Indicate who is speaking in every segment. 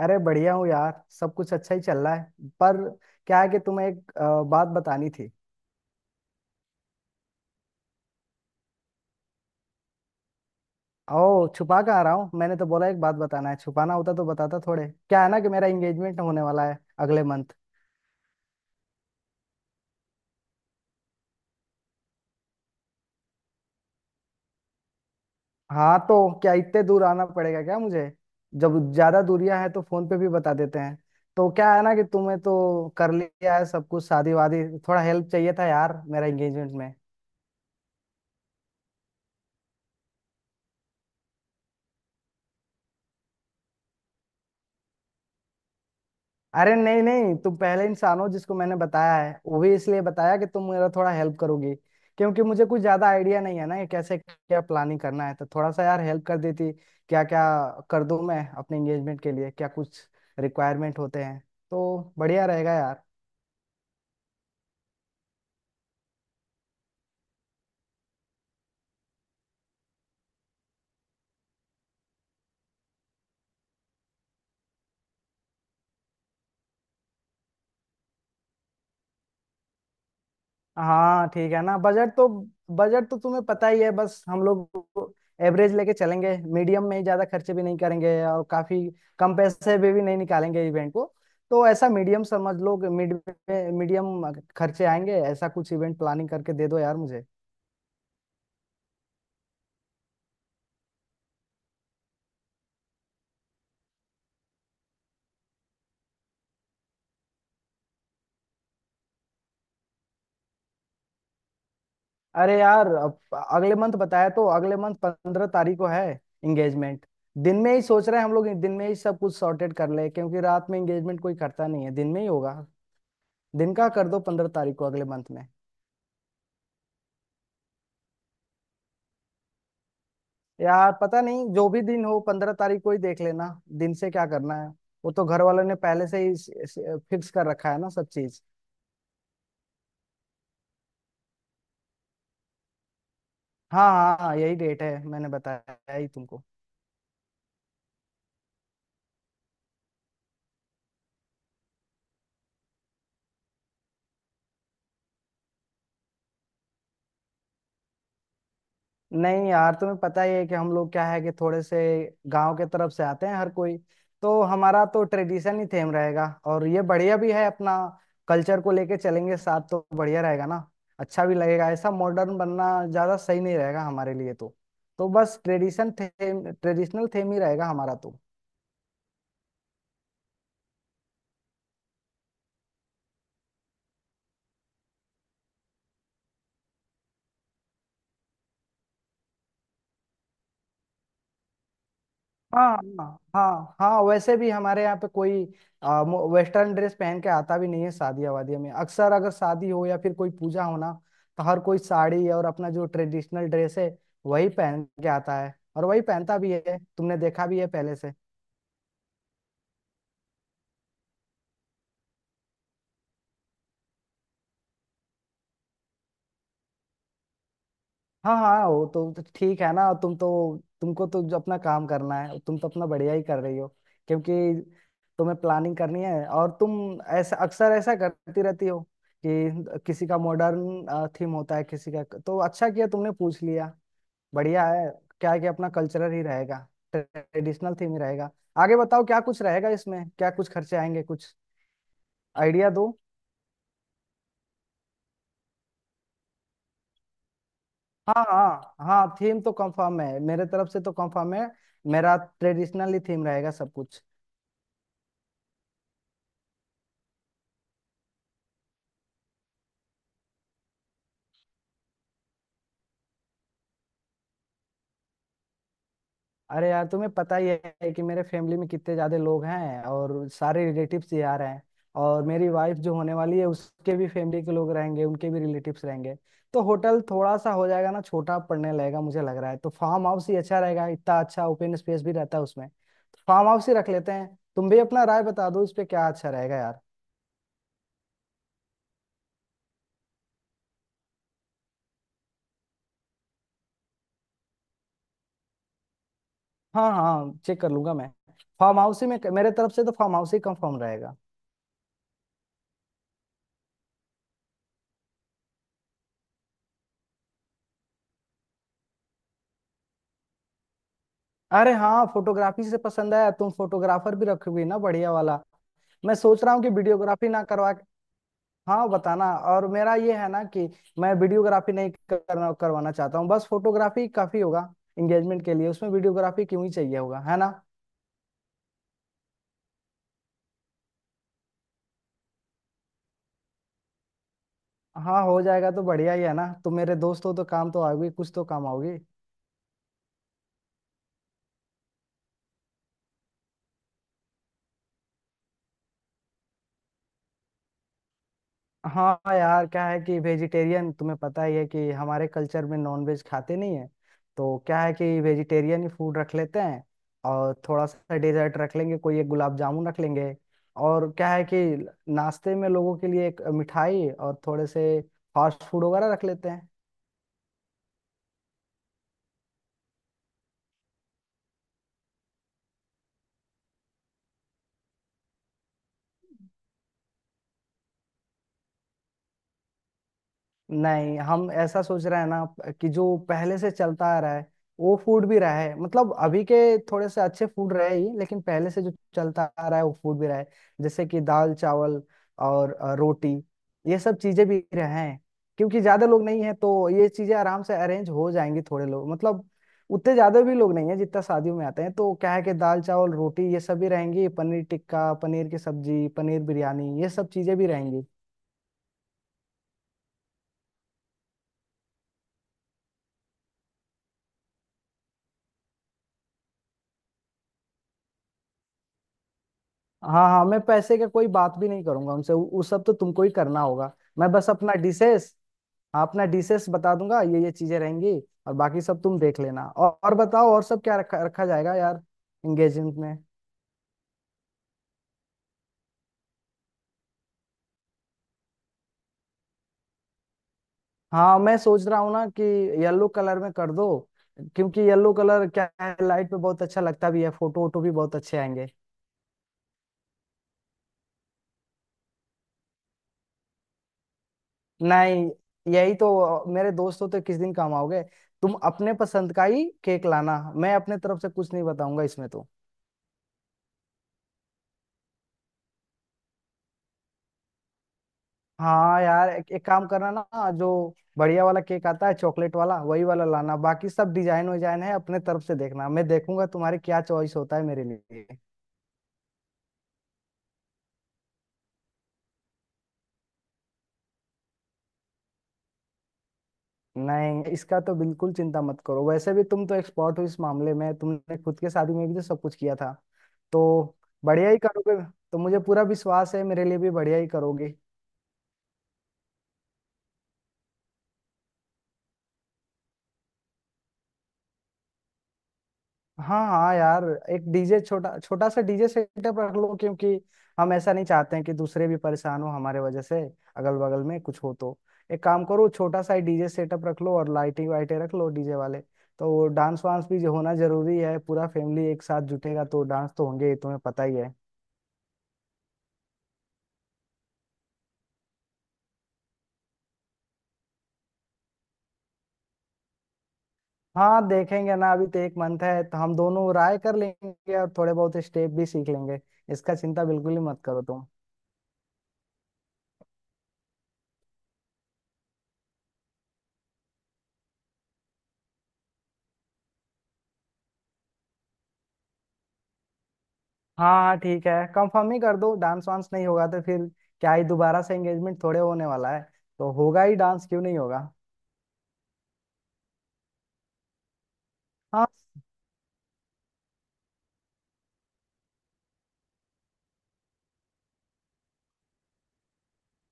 Speaker 1: अरे बढ़िया हूँ यार, सब कुछ अच्छा ही चल रहा है। पर क्या है कि तुम्हें एक बात बतानी थी। ओ छुपा कहाँ रहा हूँ, मैंने तो बोला एक बात बताना है, छुपाना होता तो बताता थोड़े। क्या है ना कि मेरा एंगेजमेंट होने वाला है अगले मंथ। हाँ तो क्या इतने दूर आना पड़ेगा क्या मुझे? जब ज्यादा दूरियां हैं तो फोन पे भी बता देते हैं। तो क्या है ना कि तुम्हें तो कर लिया है सब कुछ शादी वादी, थोड़ा हेल्प चाहिए था यार मेरा एंगेजमेंट में। अरे नहीं नहीं, तुम पहले इंसान हो जिसको मैंने बताया है, वो भी इसलिए बताया कि तुम मेरा थोड़ा हेल्प करोगी, क्योंकि मुझे कुछ ज्यादा आइडिया नहीं है ना कि कैसे क्या प्लानिंग करना है, तो थोड़ा सा यार हेल्प कर देती। क्या क्या कर दूं मैं अपने एंगेजमेंट के लिए, क्या कुछ रिक्वायरमेंट होते हैं, तो बढ़िया रहेगा यार। हाँ ठीक है ना, बजट तो तुम्हें पता ही है, बस हम लोग एवरेज लेके चलेंगे, मीडियम में ही, ज्यादा खर्चे भी नहीं करेंगे और काफी कम पैसे भी नहीं निकालेंगे इवेंट को। तो ऐसा मीडियम समझ लो, मिड मीडियम खर्चे आएंगे, ऐसा कुछ इवेंट प्लानिंग करके दे दो यार मुझे। अरे यार, अब अगले मंथ बताया, तो अगले मंथ 15 तारीख को है एंगेजमेंट। दिन में ही सोच रहे हैं हम लोग, दिन में ही सब कुछ सॉर्टेड कर ले, क्योंकि रात में एंगेजमेंट कोई करता नहीं है, दिन में ही होगा, दिन का कर दो 15 तारीख को अगले मंथ में। यार पता नहीं जो भी दिन हो, 15 तारीख को ही देख लेना, दिन से क्या करना है, वो तो घर वालों ने पहले से ही फिक्स कर रखा है ना सब चीज। हाँ हाँ हाँ, यही डेट है मैंने बताया ही तुमको। नहीं यार तुम्हें पता ही है कि हम लोग, क्या है कि थोड़े से गांव के तरफ से आते हैं हर कोई, तो हमारा तो ट्रेडिशन ही थेम रहेगा, और ये बढ़िया भी है, अपना कल्चर को लेके चलेंगे साथ, तो बढ़िया रहेगा ना, अच्छा भी लगेगा। ऐसा मॉडर्न बनना ज्यादा सही नहीं रहेगा हमारे लिए, तो बस ट्रेडिशनल थेम ही रहेगा हमारा तो। हाँ हाँ हाँ हाँ, वैसे भी हमारे यहाँ पे कोई वेस्टर्न ड्रेस पहन के आता भी नहीं है शादियाँ वादियाँ में, अक्सर अगर शादी हो या फिर कोई पूजा हो ना, तो हर कोई साड़ी और अपना जो ट्रेडिशनल ड्रेस है वही पहन के आता है, और वही पहनता भी है, तुमने देखा भी है पहले से। हाँ हाँ, वो तो ठीक है ना, तुमको तो जो अपना काम करना है तुम तो अपना बढ़िया ही कर रही हो, क्योंकि तुम्हें प्लानिंग करनी है और तुम ऐसा अक्सर ऐसा करती रहती हो कि किसी का मॉडर्न थीम होता है किसी का, तो अच्छा किया तुमने पूछ लिया, बढ़िया है। क्या है कि अपना कल्चरल ही रहेगा, ट्रेडिशनल थीम ही रहेगा। आगे बताओ क्या कुछ रहेगा इसमें, क्या कुछ खर्चे आएंगे, कुछ आइडिया दो। हाँ हाँ हाँ, थीम तो कंफर्म है, मेरे तरफ से तो कंफर्म है, मेरा ट्रेडिशनल ही थीम रहेगा सब कुछ। अरे यार तुम्हें पता ही है कि मेरे फैमिली में कितने ज्यादा लोग हैं, और सारे रिलेटिव्स ही आ रहे हैं, और मेरी वाइफ जो होने वाली है उसके भी फैमिली के लोग रहेंगे, उनके भी रिलेटिव्स रहेंगे, तो होटल थोड़ा सा हो जाएगा ना, छोटा पड़ने लगेगा मुझे लग रहा है, तो फार्म हाउस ही अच्छा रहेगा, इतना अच्छा ओपन स्पेस भी रहता है उसमें, तो फार्म हाउस ही रख लेते हैं। तुम भी अपना राय बता दो इस पे क्या अच्छा रहेगा यार। हाँ हाँ चेक कर लूंगा मैं, फार्म हाउस ही, में मेरे तरफ से तो फार्म हाउस ही कंफर्म रहेगा। अरे हाँ फोटोग्राफी से पसंद आया, तुम फोटोग्राफर भी रखोगी ना बढ़िया वाला? मैं सोच रहा हूँ कि वीडियोग्राफी ना करवा के-। हाँ बताना। और मेरा ये है ना कि मैं वीडियोग्राफी नहीं करना करवाना चाहता हूँ, बस फोटोग्राफी काफी होगा एंगेजमेंट के लिए, उसमें वीडियोग्राफी क्यों ही चाहिए होगा है ना। हाँ हो जाएगा तो बढ़िया ही है ना, तुम मेरे दोस्त हो तो काम तो आओगी, कुछ तो काम आओगी। हाँ यार क्या है कि वेजिटेरियन, तुम्हें पता ही है कि हमारे कल्चर में नॉन वेज खाते नहीं है, तो क्या है कि वेजिटेरियन ही फूड रख लेते हैं। और थोड़ा सा डेजर्ट रख लेंगे, कोई एक गुलाब जामुन रख लेंगे, और क्या है कि नाश्ते में लोगों के लिए एक मिठाई और थोड़े से फास्ट फूड वगैरह रख लेते हैं। नहीं हम ऐसा सोच रहे हैं ना कि जो पहले से चलता आ रहा है वो फूड भी रहे, मतलब अभी के थोड़े से अच्छे फूड रहे ही, लेकिन पहले से जो चलता आ रहा है वो फूड भी रहे, जैसे कि दाल चावल और रोटी, ये सब चीजें भी रहें, क्योंकि ज्यादा लोग नहीं है तो ये चीजें आराम से अरेंज हो जाएंगी, थोड़े लोग मतलब, उतने ज्यादा भी लोग नहीं है जितना शादियों में आते हैं, तो क्या है कि दाल चावल रोटी ये सब भी रहेंगी, पनीर टिक्का, पनीर की सब्जी, पनीर बिरयानी, ये सब चीजें भी रहेंगी। हाँ हाँ, मैं पैसे का कोई बात भी नहीं करूंगा उनसे, उस सब तो तुमको ही करना होगा। मैं बस अपना डिशेस, हाँ अपना डिशेस बता दूंगा ये चीजें रहेंगी, और बाकी सब तुम देख लेना। और बताओ और सब क्या रखा रखा जाएगा यार एंगेजमेंट में। हाँ मैं सोच रहा हूँ ना कि येलो कलर में कर दो, क्योंकि येलो कलर क्या है, लाइट पे बहुत अच्छा लगता भी है, फोटो वोटो भी बहुत अच्छे आएंगे। नहीं, यही तो मेरे दोस्त हो तो किस दिन काम आओगे, तुम अपने पसंद का ही केक लाना, मैं अपने तरफ से कुछ नहीं बताऊंगा इसमें तो। हाँ यार एक काम करना ना, जो बढ़िया वाला केक आता है चॉकलेट वाला, वही वाला लाना, बाकी सब डिजाइन विजाइन है अपने तरफ से देखना, मैं देखूंगा तुम्हारे क्या चॉइस होता है मेरे लिए। नहीं, इसका तो बिल्कुल चिंता मत करो, वैसे भी तुम तो एक्सपर्ट हो इस मामले में, तुमने खुद के शादी में भी तो सब कुछ किया था, तो बढ़िया ही करोगे, तो मुझे पूरा विश्वास है मेरे लिए भी बढ़िया ही करोगे। हाँ हाँ यार, एक डीजे, छोटा छोटा सा डीजे सेटअप रख लो, क्योंकि हम ऐसा नहीं चाहते हैं कि दूसरे भी परेशान हो हमारे वजह से, अगल बगल में कुछ हो तो, एक काम करो छोटा सा डीजे सेटअप रख लो और लाइटिंग वाइटें रख लो डीजे वाले, तो वो डांस वांस भी जो होना जरूरी है, पूरा फैमिली एक साथ जुटेगा तो डांस तो होंगे ही, तुम्हें पता ही है। हाँ देखेंगे ना, अभी तो एक मंथ है, तो हम दोनों राय कर लेंगे और थोड़े बहुत स्टेप भी सीख लेंगे, इसका चिंता बिल्कुल ही मत करो तुम। हाँ हाँ ठीक है, कंफर्म ही कर दो, डांस वांस नहीं होगा तो फिर क्या ही, दोबारा से एंगेजमेंट थोड़े होने वाला है, तो होगा ही डांस, क्यों नहीं होगा। हाँ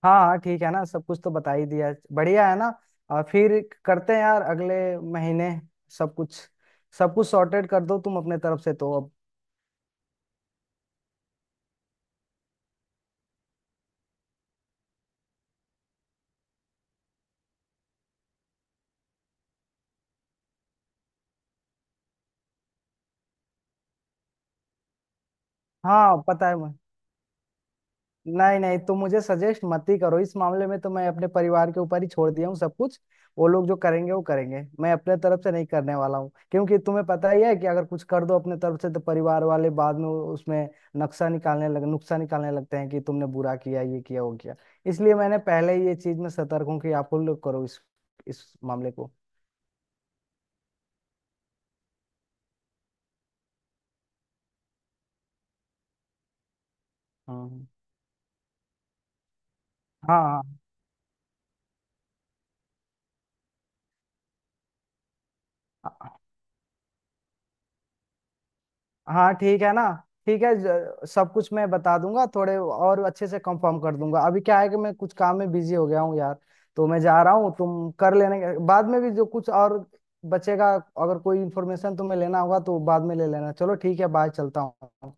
Speaker 1: हाँ हाँ ठीक है ना, सब कुछ तो बता ही दिया है। बढ़िया है ना। और फिर करते हैं यार अगले महीने, सब कुछ, सब कुछ सॉर्टेड कर दो तुम अपने तरफ से तो अब। हाँ पता है। नहीं नहीं तुम मुझे सजेस्ट मत ही करो इस मामले में, तो मैं अपने परिवार के ऊपर ही छोड़ दिया हूँ सब कुछ, वो लोग जो करेंगे वो करेंगे, मैं अपने तरफ से नहीं करने वाला हूँ, क्योंकि तुम्हें पता ही है कि अगर कुछ कर दो अपने तरफ से तो परिवार वाले बाद में उसमें नक्शा निकालने लग नुक्शा निकालने लगते हैं कि तुमने बुरा किया ये किया वो किया। इसलिए मैंने पहले ही ये चीज में सतर्क हूँ कि आप लोग करो इस मामले को। हाँ हाँ हाँ हाँ ठीक है ना, ठीक है, सब कुछ मैं बता दूंगा, थोड़े और अच्छे से कंफर्म कर दूंगा, अभी क्या है कि मैं कुछ काम में बिजी हो गया हूँ यार, तो मैं जा रहा हूँ, तुम कर लेने के बाद में भी जो कुछ और बचेगा, अगर कोई इन्फॉर्मेशन तुम्हें लेना होगा तो बाद में ले लेना, चलो ठीक है बाय, चलता हूँ।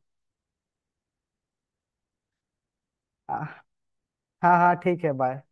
Speaker 1: हाँ हाँ हाँ, ठीक है बाय।